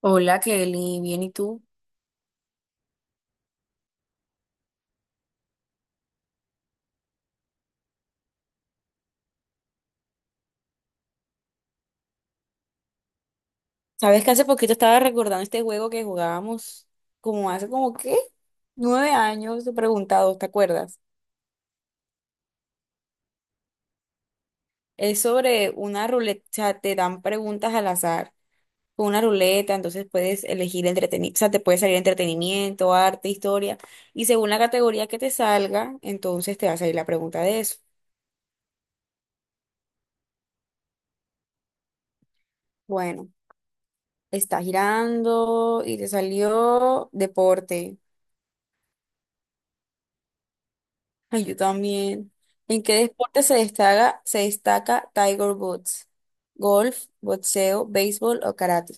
Hola Kelly, bien, ¿y tú? Sabes que hace poquito estaba recordando este juego que jugábamos como hace como qué, nueve años, te preguntado, ¿te acuerdas? Es sobre una ruleta, o sea, te dan preguntas al azar con una ruleta, entonces puedes elegir entretenimiento, o sea, te puede salir entretenimiento, arte, historia, y según la categoría que te salga, entonces te va a salir la pregunta de eso. Bueno, está girando y te salió deporte. Ay, yo también. ¿En qué deporte se destaca Tiger Woods? ¿Golf, boxeo, béisbol o karate?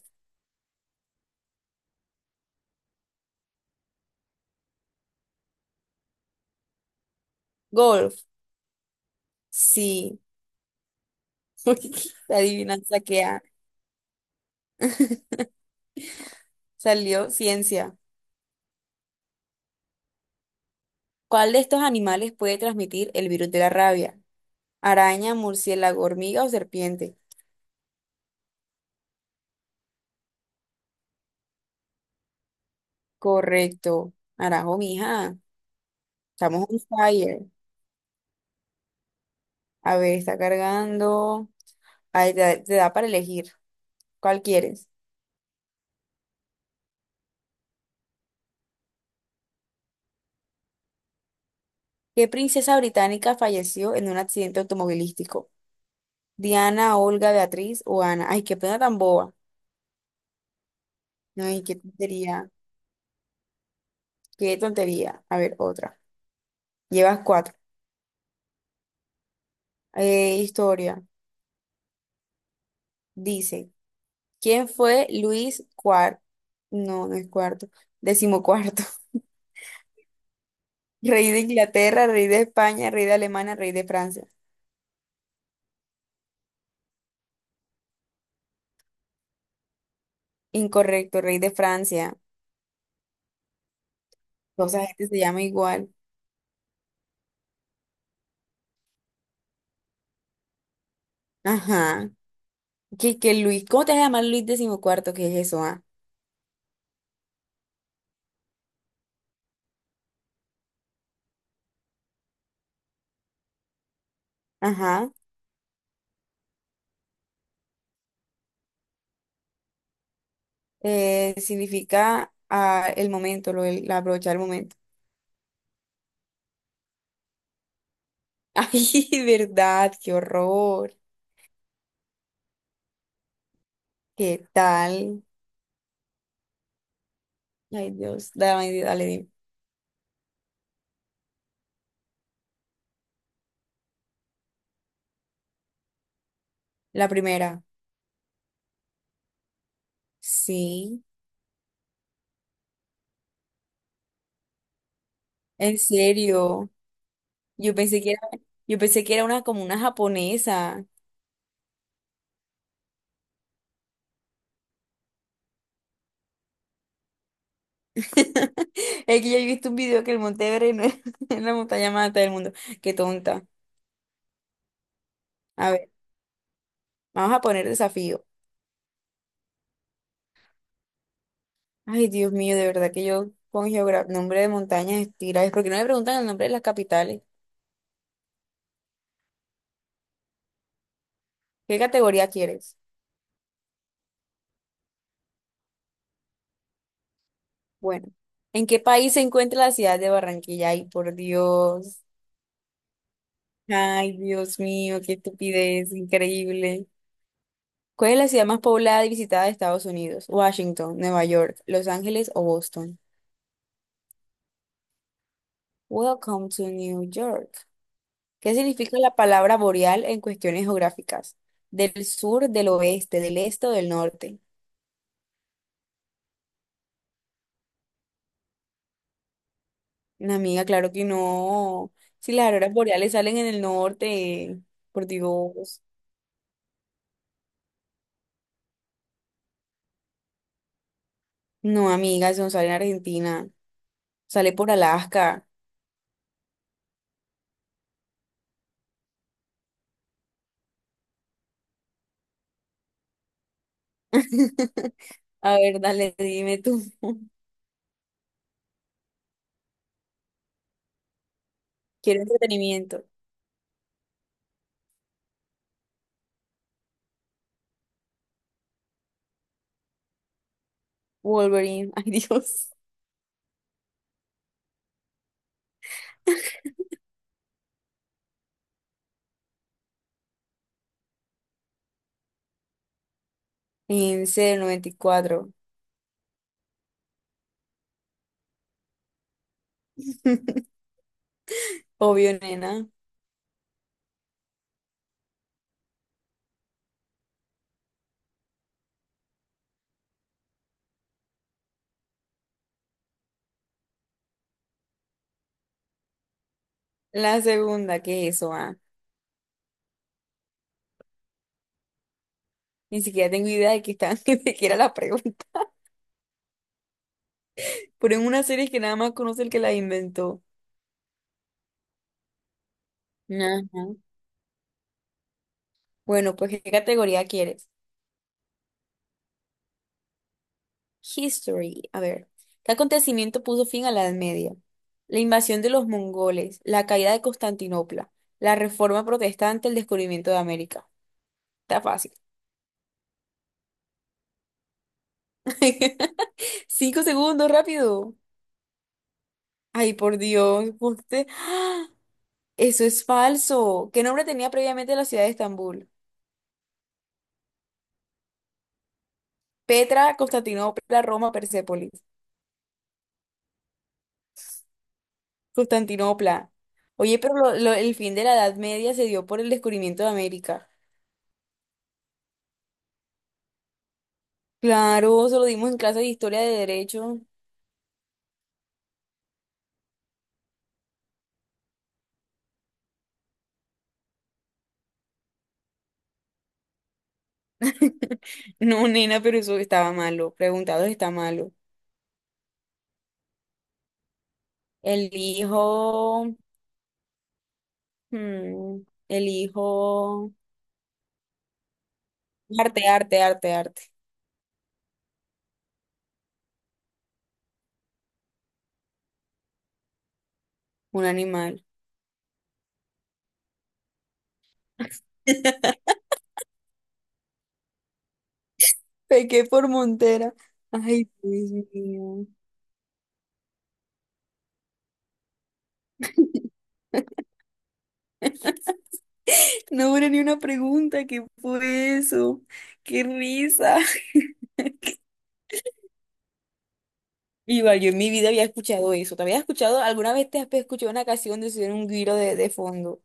Golf, sí. La adivinanza que ha. Salió ciencia. ¿Cuál de estos animales puede transmitir el virus de la rabia? ¿Araña, murciélago, hormiga o serpiente? Correcto. Arajo, mija. Estamos on fire. A ver, está cargando. Ahí te da para elegir. ¿Cuál quieres? ¿Qué princesa británica falleció en un accidente automovilístico? Diana, Olga, Beatriz o Ana. Ay, qué pena tan boba. Ay, qué tontería. Qué tontería. A ver, otra. Llevas cuatro. Historia. Dice, ¿quién fue Luis cuarto? No, no es cuarto. Decimocuarto. Rey de Inglaterra, rey de España, rey de Alemania, rey de Francia. Incorrecto, rey de Francia. Toda esa gente se llama igual. Ajá. ¿Qué, qué Luis? ¿Cómo te vas a llamar Luis decimocuarto? ¿Qué es eso, ah? Ajá. Significa el momento, lo, del- la brocha del momento. Ay, verdad, qué horror. ¿Qué tal? Ay, Dios, dale, dale, dime. La primera. Sí, en serio. Yo pensé que era, yo pensé que era una como una japonesa. Es que yo he visto un video que el Monte Everest no es, es la montaña más alta del mundo. Qué tonta. A ver, vamos a poner desafío. Ay, Dios mío, de verdad que yo con geografía, nombre de montañas, estira, es porque no me preguntan el nombre de las capitales. ¿Qué categoría quieres? Bueno, ¿en qué país se encuentra la ciudad de Barranquilla? Ay, por Dios. Ay, Dios mío, qué estupidez, increíble. ¿Cuál es la ciudad más poblada y visitada de Estados Unidos? Washington, Nueva York, Los Ángeles o Boston. Welcome to New York. ¿Qué significa la palabra boreal en cuestiones geográficas? Del sur, del oeste, del este o del norte. Una amiga, claro que no. Si las auroras boreales salen en el norte, por Dios. No, amiga, eso no sale en Argentina, sale por Alaska. A ver, dale, dime tú. Quiero entretenimiento. Wolverine, ay Dios. En serio, noventa y cuatro. Obvio, nena. La segunda, ¿qué es eso? ¿Ah? Ni siquiera tengo idea de que está, ni siquiera la pregunta. Pero en una serie que nada más conoce el que la inventó. Ajá. Bueno, pues, ¿qué categoría quieres? History. A ver, ¿qué acontecimiento puso fin a la Edad Media? La invasión de los mongoles, la caída de Constantinopla, la reforma protestante, el descubrimiento de América. Está fácil. Cinco segundos, rápido. Ay, por Dios, usted- eso es falso. ¿Qué nombre tenía previamente la ciudad de Estambul? Petra, Constantinopla, Roma, Persépolis. Constantinopla. Oye, pero lo- el fin de la Edad Media se dio por el descubrimiento de América. Claro, se lo dimos en clase de historia de derecho. No, nena, pero eso estaba malo. Preguntados está malo. El hijo, hmm, el hijo, arte, arte, arte, arte. Un animal. Pequé por Montera. Ay, Dios mío. No hubo ni una pregunta. ¿Qué fue eso? ¡Qué risa! Igual, yo en mi vida había escuchado eso. ¿Te habías escuchado? ¿Alguna vez te has escuchado una canción de subir un giro de fondo?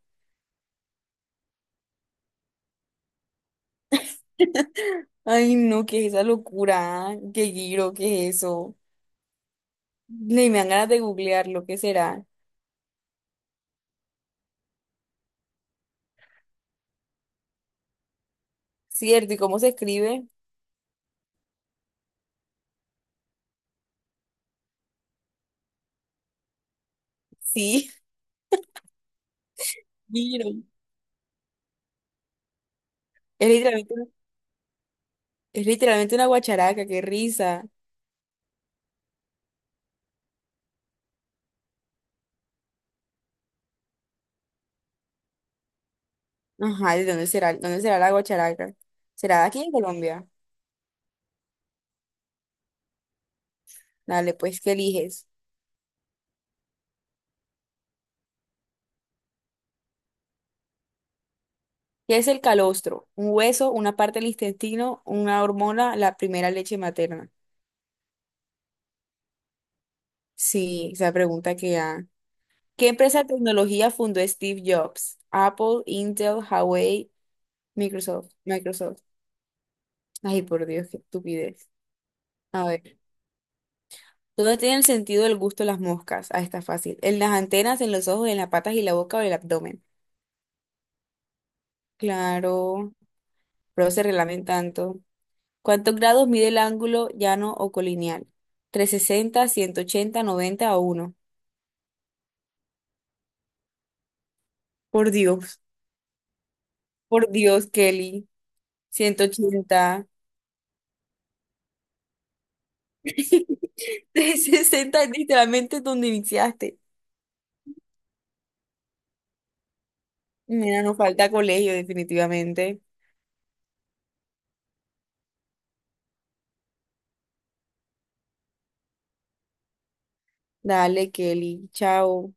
Ay, no, ¿qué es esa locura? ¿Qué giro? ¿Qué es eso? Ni me dan ganas de googlear lo que será. ¿Cierto? ¿Y cómo se escribe? Sí, mira. Es literalmente, es literalmente una guacharaca, qué risa. Ajá, ¿de dónde será? ¿Dónde será la guacharaca? ¿Será de aquí en Colombia? Dale, pues, ¿qué eliges? ¿Qué es el calostro? ¿Un hueso, una parte del intestino, una hormona, la primera leche materna? Sí, esa pregunta que ya. ¿Qué empresa de tecnología fundó Steve Jobs? Apple, Intel, Huawei, Microsoft. Microsoft. Ay, por Dios, qué estupidez. A ver, ¿dónde tiene el sentido del gusto las moscas? Ah, está fácil. En las antenas, en los ojos, en las patas y la boca o el abdomen. Claro, pero se relamen tanto. ¿Cuántos grados mide el ángulo llano o colineal? ¿Trescientos sesenta, ciento ochenta, noventa o uno? Por Dios, por Dios, Kelly. 180. Sesenta es literalmente donde iniciaste. Mira, nos falta colegio, definitivamente. Dale, Kelly. Chao.